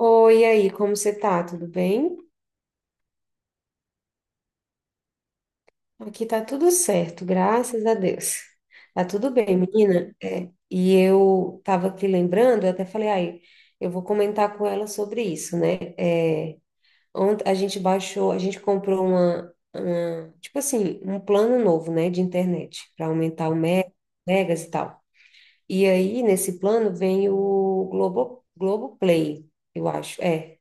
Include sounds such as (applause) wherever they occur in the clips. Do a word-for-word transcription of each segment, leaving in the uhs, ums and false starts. Oi, e aí, como você tá? Tudo bem? Aqui tá tudo certo, graças a Deus. Tá tudo bem, menina. É, e eu tava aqui lembrando, eu até falei, ai, eu vou comentar com ela sobre isso, né? É, ontem a gente baixou, a gente comprou uma, uma- tipo assim, um plano novo, né, de internet, para aumentar o mega, megas e tal. E aí, nesse plano, vem o Globo, Globoplay, eu acho. É.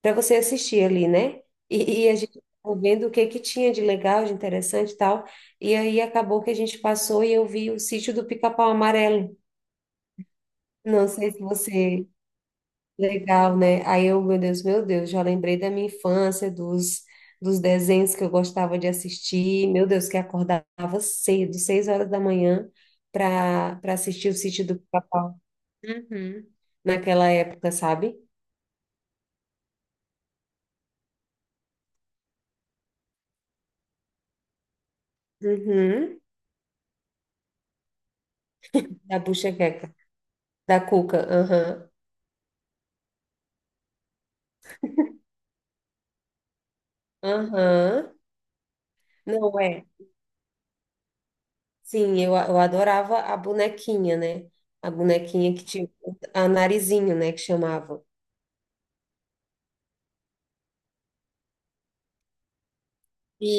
Para você assistir ali, né? E, e a gente ficou vendo o que que tinha de legal, de interessante e tal. E aí acabou que a gente passou e eu vi o sítio do Pica-Pau Amarelo. Não sei se você. Legal, né? Aí eu, meu Deus, meu Deus, já lembrei da minha infância, dos, dos desenhos que eu gostava de assistir. Meu Deus, que acordava cedo, seis horas da manhã, para para assistir o sítio do Pica-Pau. Uhum. Naquela época, sabe? Uhum. Da Buchequeca, da Cuca. Aham. Aham. Não é. Sim, eu, eu adorava a bonequinha, né? A bonequinha que tinha a narizinho, né? Que chamava. E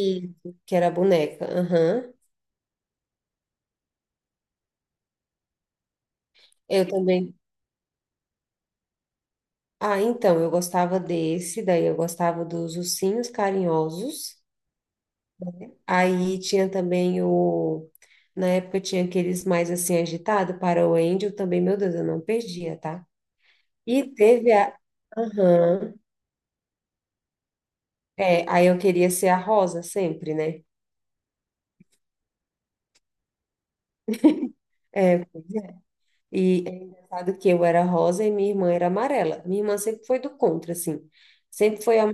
que era a boneca. Aham. Eu também. Ah, então, eu gostava desse, daí eu gostava dos ursinhos carinhosos. Aí tinha também o. Na época tinha aqueles mais assim agitados para o Angel também, meu Deus, eu não perdia, tá? E teve a. Aham. É, aí eu queria ser a Rosa sempre, né? É, e é engraçado que eu era rosa e minha irmã era amarela. Minha irmã sempre foi do contra, assim. Sempre foi a,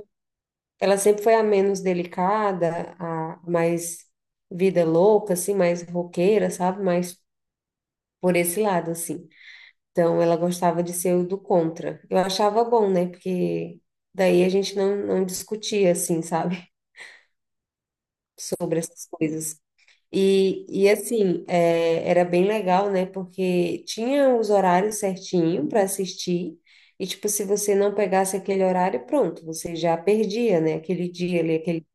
ela sempre foi a menos delicada, a mais vida louca, assim, mais roqueira, sabe? Mais por esse lado, assim. Então, ela gostava de ser o do contra. Eu achava bom, né? Porque daí a gente não, não discutia, assim, sabe? (laughs) Sobre essas coisas. E, e assim, é, era bem legal, né? Porque tinha os horários certinho para assistir, e tipo, se você não pegasse aquele horário, pronto, você já perdia, né? Aquele dia ali, aquele.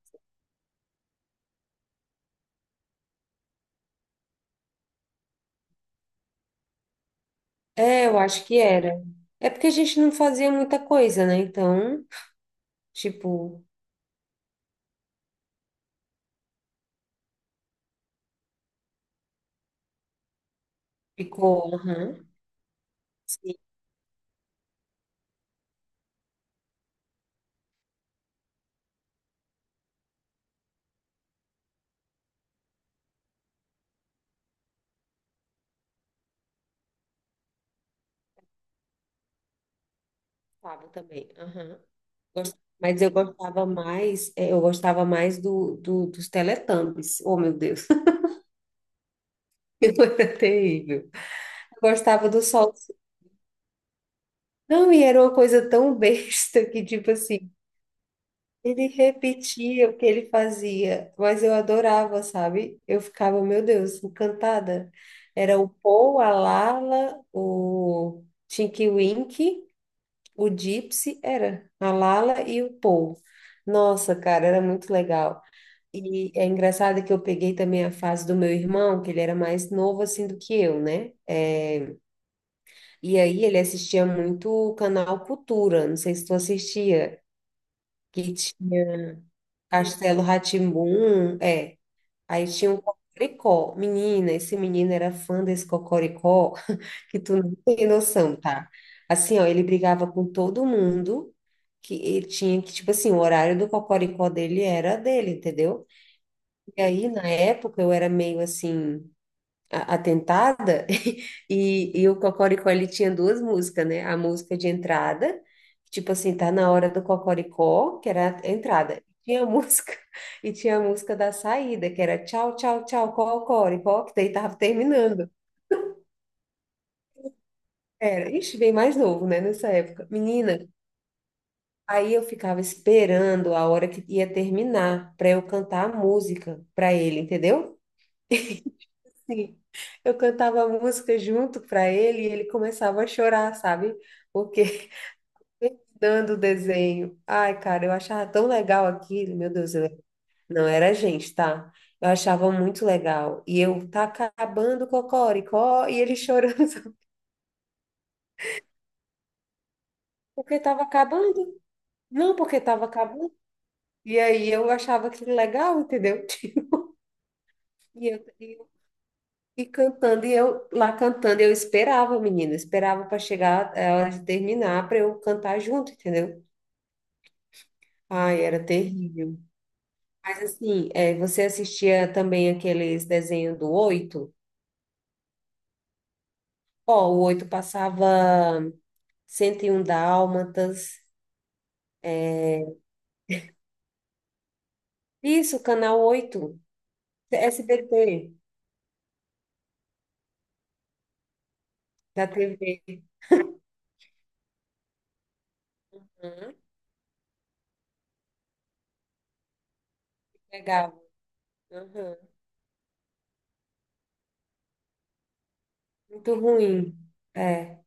É, eu acho que era. É porque a gente não fazia muita coisa, né? Então, tipo, ficou. Aham. Sim, sábado também. Aham. Gost- Mas eu gostava mais, é, eu gostava mais do, do- dos Teletubbies. Oh, meu Deus, (laughs) eu era terrível. Eu gostava do sol. Não, e era uma coisa tão (laughs) besta que, tipo assim, ele repetia o que ele fazia, mas eu adorava, sabe? Eu ficava, meu Deus, encantada. Era o Paul, a Lala, o Tinky Winky, o Gypsy, era a Lala e o Paul. Nossa, cara, era muito legal. E é engraçado que eu peguei também a fase do meu irmão, que ele era mais novo assim do que eu, né? É, e aí ele assistia muito o canal Cultura, não sei se tu assistia. Que tinha Castelo rá é. Aí tinha um Cocoricó. Menina, esse menino era fã desse Cocoricó, (laughs) que tu não tem noção, tá? Assim, ó, ele brigava com todo mundo, que ele tinha que, tipo assim, o horário do Cocoricó dele era dele, entendeu? E aí, na época, eu era meio assim a- atentada, (laughs) e, e o Cocoricó, ele tinha duas músicas, né? A música de entrada, tipo assim, tá na hora do Cocoricó, que era a entrada. Tinha a música, (laughs) e tinha a música da saída, que era tchau, tchau, tchau, Cocoricó, que daí tava terminando. Era, ixi, bem mais novo, né, nessa época. Menina, aí eu ficava esperando a hora que ia terminar, para eu cantar a música para ele, entendeu? Sim, eu cantava música junto para ele e ele começava a chorar, sabe? Porque (laughs) dando o desenho. Ai, cara, eu achava tão legal aquilo, meu Deus, eu... não era a gente, tá? Eu achava muito legal. E eu tá acabando o cocoricó e ele chorando (laughs) sabe? Porque tava acabando. Não, porque tava acabando. E aí eu achava aquilo legal, entendeu? (laughs) E eu, E cantando, e eu lá cantando, eu esperava, menina, esperava para chegar a hora de terminar para eu cantar junto, entendeu? Ai, era terrível. Mas assim, é, você assistia também aqueles desenhos do Oito? Ó, o Oito passava cento e um Dálmatas. Isso, Canal oito, S B T, da T V. Uhum, legal. Uhum, muito ruim. É.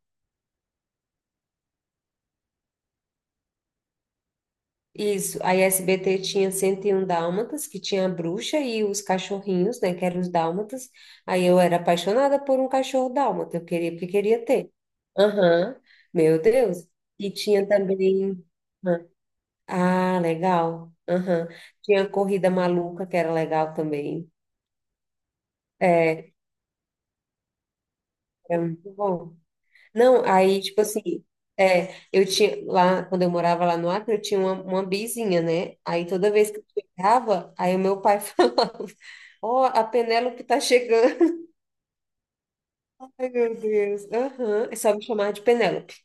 Isso, a S B T tinha cento e um dálmatas, que tinha a bruxa e os cachorrinhos, né, que eram os dálmatas. Aí eu era apaixonada por um cachorro dálmata, eu queria, porque queria ter. Aham, meu Deus. E tinha também... Ah, legal. Aham. Tinha a corrida maluca, que era legal também. É, era muito bom. Não, aí, tipo assim, é, eu tinha lá, quando eu morava lá no Acre, eu tinha uma, uma vizinha, né? Aí toda vez que eu chegava, aí o meu pai (laughs) falava, ó, a Penélope tá chegando. (laughs) Ai, meu Deus. Aham. É só me chamar de Penélope.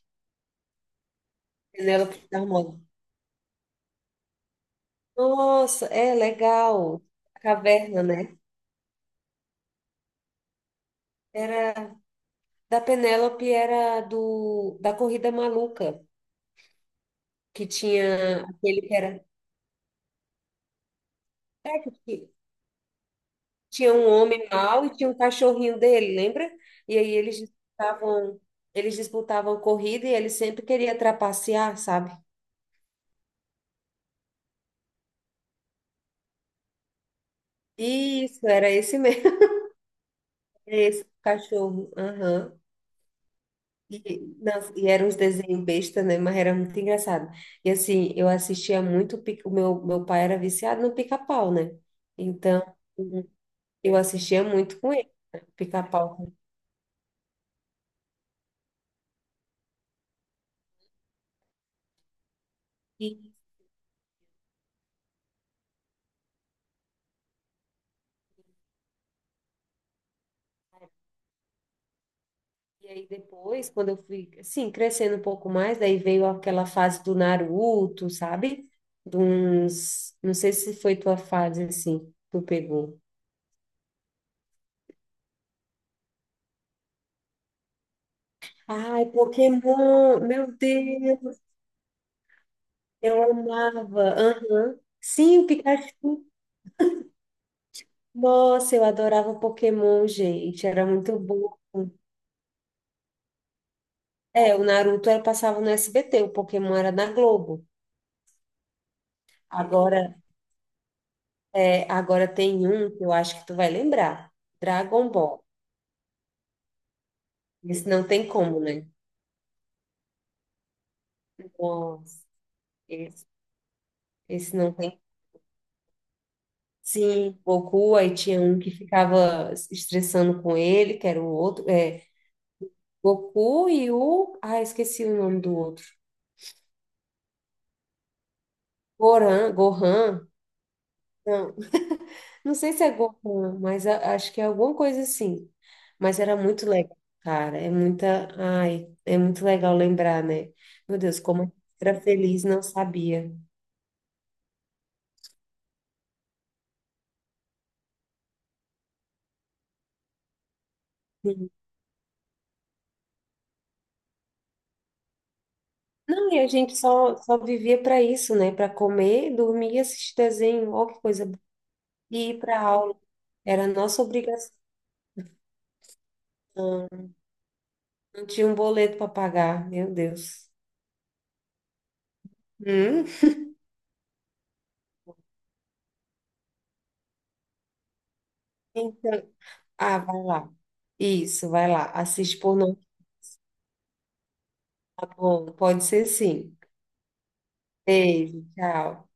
Penélope da Moda. Nossa, é legal. A caverna, né? Era, da Penélope era do, da Corrida Maluca, que tinha aquele que era... É, que- Tinha um homem mau e tinha um cachorrinho dele, lembra? E aí eles disputavam, eles disputavam corrida e ele sempre queria trapacear, sabe? Isso, era esse mesmo, (laughs) esse cachorro. Aham. E, nossa, e era uns desenhos besta, né? Mas era muito engraçado. E assim, eu assistia muito, pica- o meu, meu pai era viciado no pica-pau, né? Então, eu assistia muito com ele, pica-pau. E aí depois, quando eu fui, assim, crescendo um pouco mais, daí veio aquela fase do Naruto, sabe? De uns, não sei se foi tua fase, assim, que tu pegou. Ai, Pokémon, meu Deus, eu amava. Aham. Sim, o Pikachu. Nossa, eu adorava o Pokémon, gente, era muito bom. É, o Naruto era, passava no S B T, o Pokémon era na Globo. Agora, é, agora tem um que eu acho que tu vai lembrar, Dragon Ball. Esse não tem como, né? Nossa, esse, esse não tem. Sim, Goku, aí tinha um que ficava se estressando com ele, que era o outro. É, Goku e o. Ah, esqueci o nome do outro. Goran, Gohan. Não, não sei se é Gohan, mas a- acho que é alguma coisa assim. Mas era muito legal, cara. É muita. Ai, é muito legal lembrar, né? Meu Deus, como eu era feliz, não sabia. Não, e a gente só, só vivia para isso, né? Para comer, dormir e assistir desenho, ó, que coisa boa. E ir para aula. Era a nossa obrigação. Não tinha um boleto para pagar, meu Deus. Hum? Então, ah, vai lá. Isso, vai lá. Assiste por não. Tá bom, pode ser sim. Beijo, tchau.